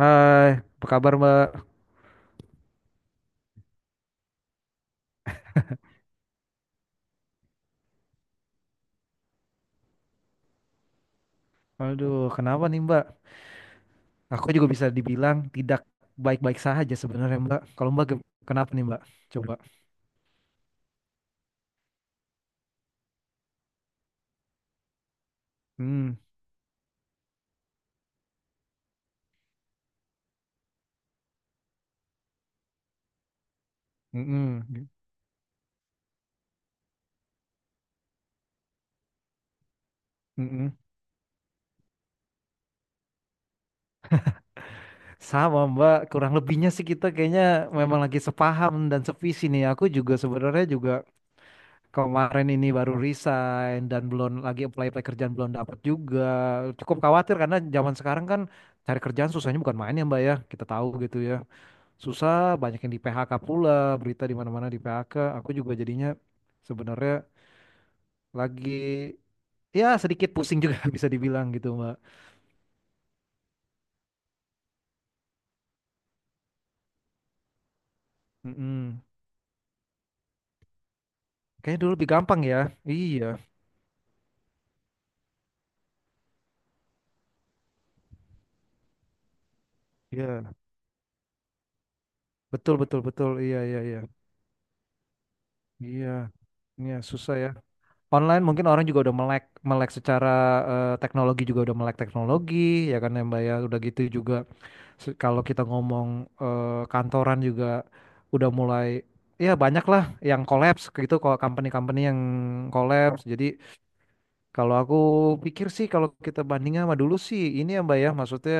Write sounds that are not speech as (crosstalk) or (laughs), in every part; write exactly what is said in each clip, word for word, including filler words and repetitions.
Hai, apa kabar Mbak? Aduh, kenapa nih Mbak? Aku juga bisa dibilang tidak baik-baik saja sebenarnya Mbak. Kalau Mbak ge- kenapa nih Mbak? Coba. Hmm, mm-mm, mm-mm. Sama Mbak, kurang lebihnya sih kita kayaknya memang lagi sepaham dan sevisi nih. Aku juga sebenarnya juga kemarin ini baru resign dan belum lagi apply-apply kerjaan belum dapat juga. Cukup khawatir karena zaman sekarang kan cari kerjaan susahnya bukan main ya Mbak ya. Kita tahu gitu ya. Susah, banyak yang di P H K pula, berita di mana-mana di P H K. Aku juga jadinya sebenarnya lagi ya sedikit pusing juga (laughs) bisa dibilang gitu, Mbak. Mm-mm. Kayaknya dulu lebih gampang ya. Iya, iya. Betul, betul, betul. Iya, iya, iya. Iya, iya susah ya. Online mungkin orang juga udah melek melek secara eh, teknologi juga udah melek teknologi ya kan ya, Mbak ya. Udah gitu juga. Se- Kalau kita ngomong eh, kantoran juga udah mulai ya banyak lah yang collapse kayak gitu kalau company-company yang collapse. Jadi kalau aku pikir sih kalau kita bandingin sama dulu sih ini ya Mbak ya maksudnya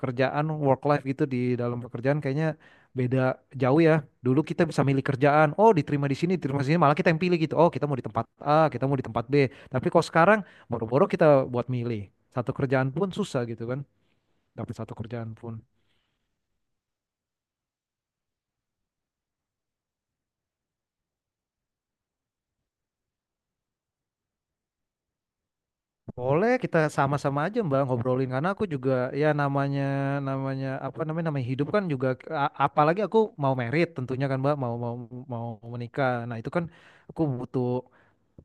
kerjaan work life gitu di dalam pekerjaan kayaknya beda jauh ya. Dulu kita bisa milih kerjaan, oh diterima di sini, diterima di sini, malah kita yang pilih gitu. Oh, kita mau di tempat A, kita mau di tempat B. Tapi kalau sekarang boro-boro kita buat milih. Satu kerjaan pun susah gitu kan, dapat satu kerjaan pun. Boleh kita sama-sama aja Mbak ngobrolin karena aku juga ya namanya namanya apa namanya namanya hidup kan juga a- apalagi aku mau merit tentunya kan Mbak mau mau mau menikah. Nah, itu kan aku butuh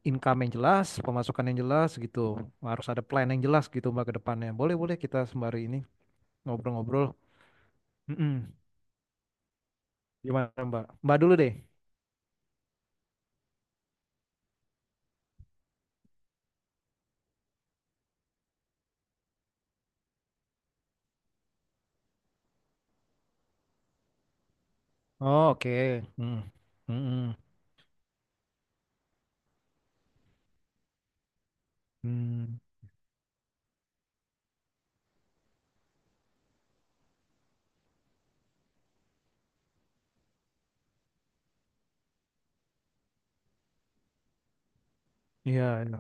income yang jelas, pemasukan yang jelas gitu. Harus ada plan yang jelas gitu Mbak ke depannya. Boleh boleh kita sembari ini ngobrol-ngobrol. Mm-mm. Gimana Mbak? Mbak dulu deh. Oh, oke. Mm. Mm-mm. Hmm. Iya, iya.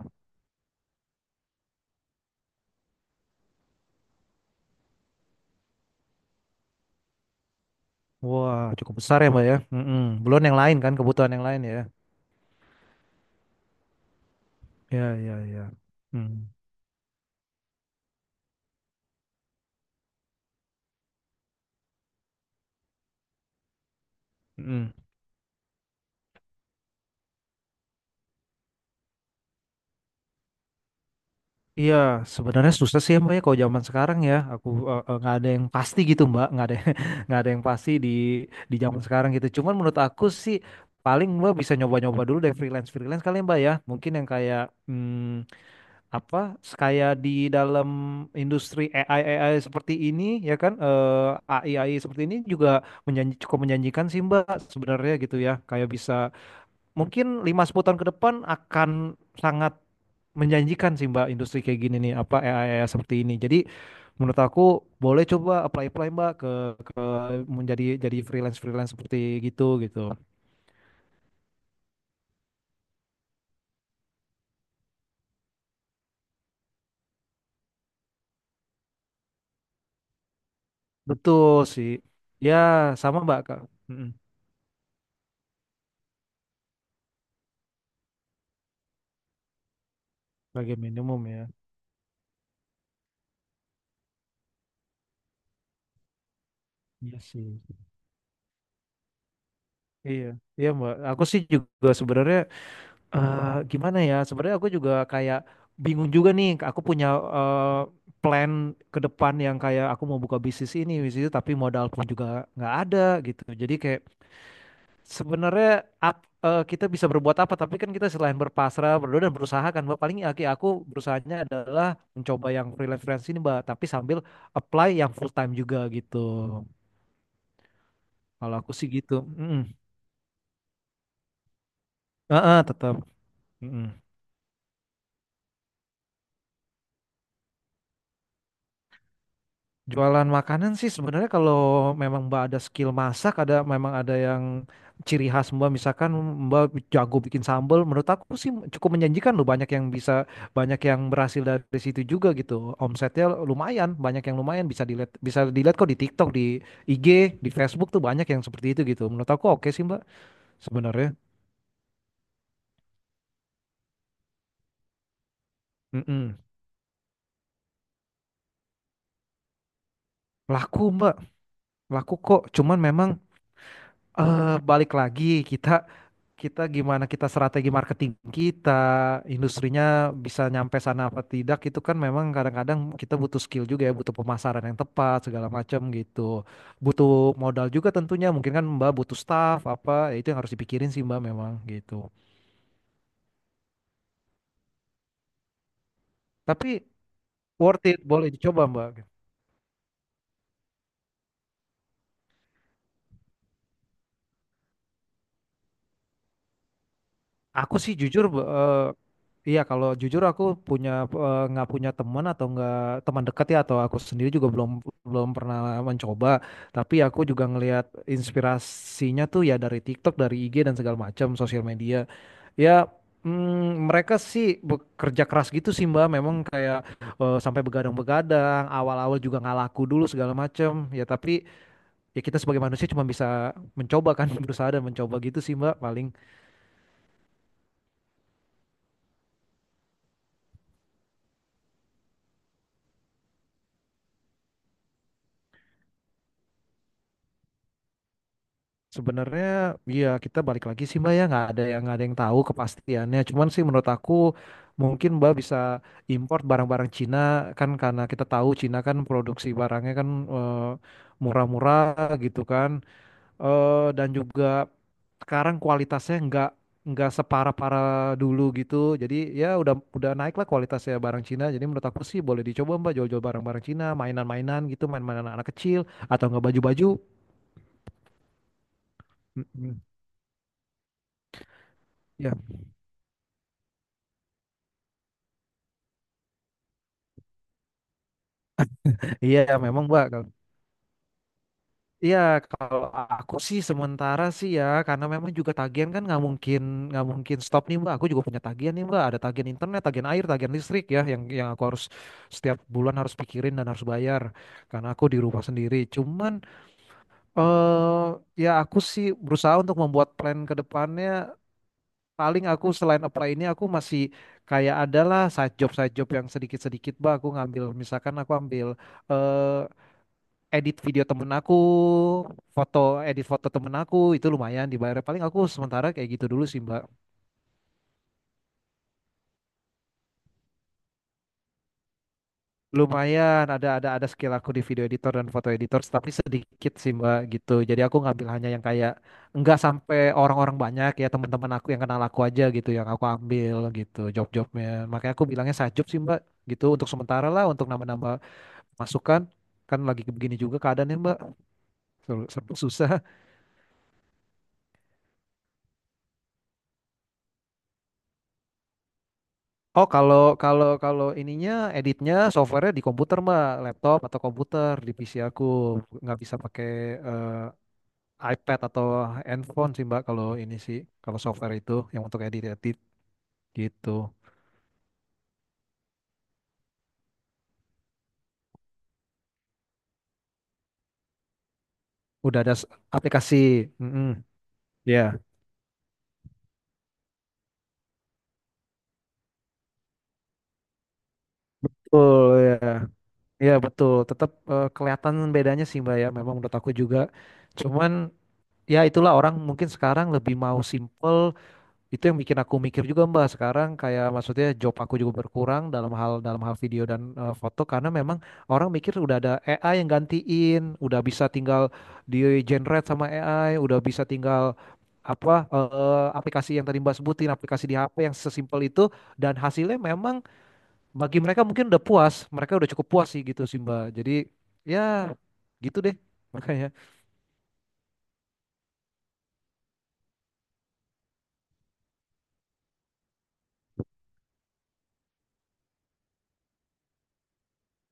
Wah, cukup besar ya Mbak ya. Mm-mm. Belum yang lain kan kebutuhan yang lain ya. Ya, ya, ya. Hmm. Mm. Iya, sebenarnya susah sih ya Mbak ya kalau zaman sekarang ya. Aku eh, eh, nggak ada yang pasti gitu Mbak, nggak ada (laughs) nggak ada yang pasti di di zaman sekarang gitu. Cuman menurut aku sih paling Mbak bisa nyoba-nyoba dulu deh freelance freelance kali ya, Mbak ya. Mungkin yang kayak hmm, apa kayak di dalam industri A I AI seperti ini ya kan eh AI A I seperti ini juga menjanji, cukup menjanjikan sih Mbak sebenarnya gitu ya. Kayak bisa mungkin lima sepuluh tahun ke depan akan sangat menjanjikan sih Mbak industri kayak gini nih apa A I, seperti ini. Jadi menurut aku boleh coba apply-apply Mbak ke ke menjadi jadi freelance-freelance seperti gitu gitu. Betul sih. Ya, sama Mbak Kak. Mm-mm. Sebagai minimum ya. Iya sih. Iya, iya Mbak. Aku sih juga sebenarnya eh gimana ya? Sebenarnya aku juga kayak bingung juga nih. Aku punya eh, plan ke depan yang kayak aku mau buka bisnis ini, bisnis itu, tapi modal pun juga nggak ada gitu. Jadi kayak sebenarnya ap- eh, kita bisa berbuat apa? Tapi kan kita selain berpasrah, berdoa dan berusaha kan, Mbak. Paling aki aku berusahanya adalah mencoba yang freelance-freelance ini, Mbak. Tapi sambil apply yang full time juga gitu. Kalau aku sih gitu. Mm-mm. Heeh, tetap. Jualan makanan sih sebenarnya kalau memang Mbak ada skill masak, ada memang ada yang ciri khas Mbak, misalkan Mbak jago bikin sambal, menurut aku sih cukup menjanjikan loh, banyak yang bisa, banyak yang berhasil dari situ juga gitu. Omsetnya lumayan, banyak yang lumayan bisa dilihat, bisa dilihat kok di TikTok, di I G, di Facebook tuh banyak yang seperti itu gitu. Menurut aku oke sih Mbak sebenarnya. Mm-mm. Laku Mbak, laku kok. Cuman memang eh, balik lagi kita kita gimana kita strategi marketing kita, industrinya bisa nyampe sana apa tidak itu kan memang kadang-kadang kita butuh skill juga ya, butuh pemasaran yang tepat segala macam gitu. Butuh modal juga tentunya, mungkin kan Mbak butuh staff apa, ya itu yang harus dipikirin sih Mbak memang gitu. Tapi worth it, boleh dicoba Mbak. Aku sih jujur, eh, iya kalau jujur aku punya eh, nggak punya teman atau nggak teman dekat ya atau aku sendiri juga belum belum pernah mencoba. Tapi aku juga ngelihat inspirasinya tuh ya dari TikTok, dari I G dan segala macam sosial media. Ya mm, mereka sih bekerja keras gitu sih Mbak. Memang kayak eh, sampai begadang-begadang, awal-awal juga nggak laku dulu segala macam. Ya tapi ya kita sebagai manusia cuma bisa mencoba kan (laughs) berusaha dan mencoba gitu sih Mbak paling. Sebenarnya ya kita balik lagi sih Mbak ya nggak ada yang nggak ada yang tahu kepastiannya. Cuman sih menurut aku mungkin Mbak bisa import barang-barang Cina kan karena kita tahu Cina kan produksi barangnya kan eh, murah-murah gitu kan. Eh, dan juga sekarang kualitasnya nggak nggak separah-parah dulu gitu. Jadi ya udah udah naik lah kualitasnya barang Cina. Jadi menurut aku sih boleh dicoba Mbak jual-jual barang-barang Cina, mainan-mainan gitu, main-mainan anak kecil atau nggak baju-baju. Mm, mm. Ya. Iya, memang Mbak. Kalau- Iya, kalau aku sih sementara sih ya, karena memang juga tagihan kan nggak mungkin nggak mungkin stop nih Mbak. Aku juga punya tagihan nih Mbak. Ada tagihan internet, tagihan air, tagihan listrik ya, yang yang aku harus setiap bulan harus pikirin dan harus bayar. Karena aku di rumah sendiri. Cuman eh ya aku sih berusaha untuk membuat plan ke depannya. Paling aku selain apply ini aku masih kayak adalah side job side job yang sedikit-sedikit Mbak. Aku ngambil misalkan aku ambil eh, edit video temen aku, foto edit foto temen aku itu lumayan dibayar. Paling aku sementara kayak gitu dulu sih Mbak. Lumayan ada ada ada skill aku di video editor dan foto editor, tapi sedikit sih Mbak gitu. Jadi aku ngambil hanya yang kayak nggak sampai orang-orang banyak ya teman-teman aku yang kenal aku aja gitu yang aku ambil gitu job-jobnya. Makanya aku bilangnya sajop sih Mbak gitu untuk sementara lah untuk nambah-nambah masukan kan lagi begini juga keadaannya Mbak. Seru- seru- Susah. Oh, kalau kalau kalau ininya editnya softwarenya di komputer mah, laptop atau komputer di P C aku nggak bisa pakai eh, iPad atau handphone sih Mbak kalau ini sih kalau software itu yang untuk edit edit gitu. Udah ada s- aplikasi. Mm-mm. Ya, betul ya. Ya betul. Tetap eh, kelihatan bedanya sih Mbak ya. Memang menurut aku juga. Cuman ya itulah orang mungkin sekarang lebih mau simple itu yang bikin aku mikir juga Mbak sekarang kayak maksudnya job aku juga berkurang dalam hal dalam hal video dan eh, foto karena memang orang mikir udah ada A I yang gantiin, udah bisa tinggal di generate sama A I, udah bisa tinggal apa eh, eh, aplikasi yang tadi Mbak sebutin, aplikasi di H P yang sesimpel itu dan hasilnya memang bagi mereka mungkin udah puas, mereka udah cukup puas sih gitu sih Mbak. Jadi ya gitu deh makanya.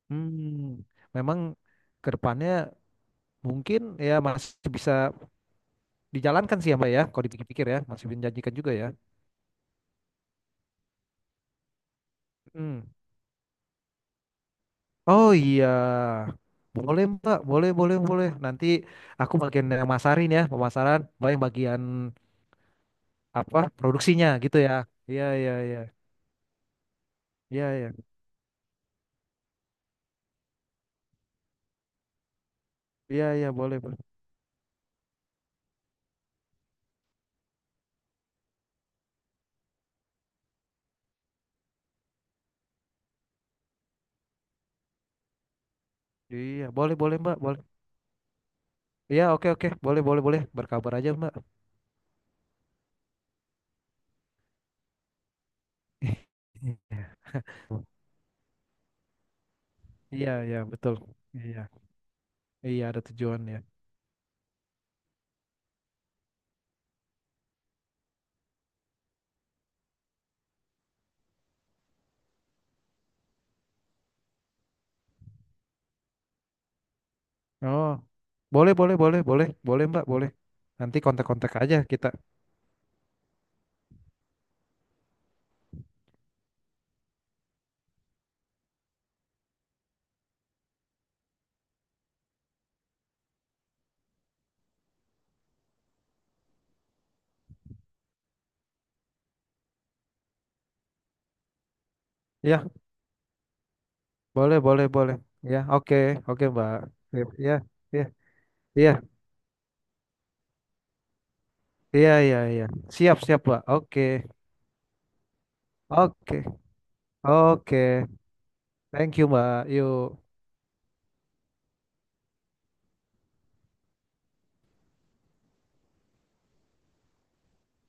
Hmm, memang ke depannya mungkin ya masih bisa dijalankan sih ya Mbak ya, kalau dipikir-pikir ya, masih menjanjikan juga ya. Hmm. Oh iya, boleh Mbak, boleh, boleh, boleh. Nanti aku bagian yang masarin ya, pemasaran, Mbak yang bagian apa produksinya gitu ya. Iya, iya, iya, iya, iya, iya, iya, boleh, boleh. Iya, boleh, boleh Mbak, boleh. Iya, oke, oke, boleh, boleh, boleh. Berkabar aja Mbak. (laughs) Iya, iya, betul. Iya, iya ada tujuan ya. Oh, boleh, boleh, boleh, boleh, boleh Mbak, boleh. Nanti kontak-kontak aja kita. Iya. Boleh, boleh, boleh. Ya, oke, oke, Mbak. Sip, ya, ya, ya ya ya iya. Siap, siap, Mbak. Oke, oke, oke. Thank you, Mbak. Yuk.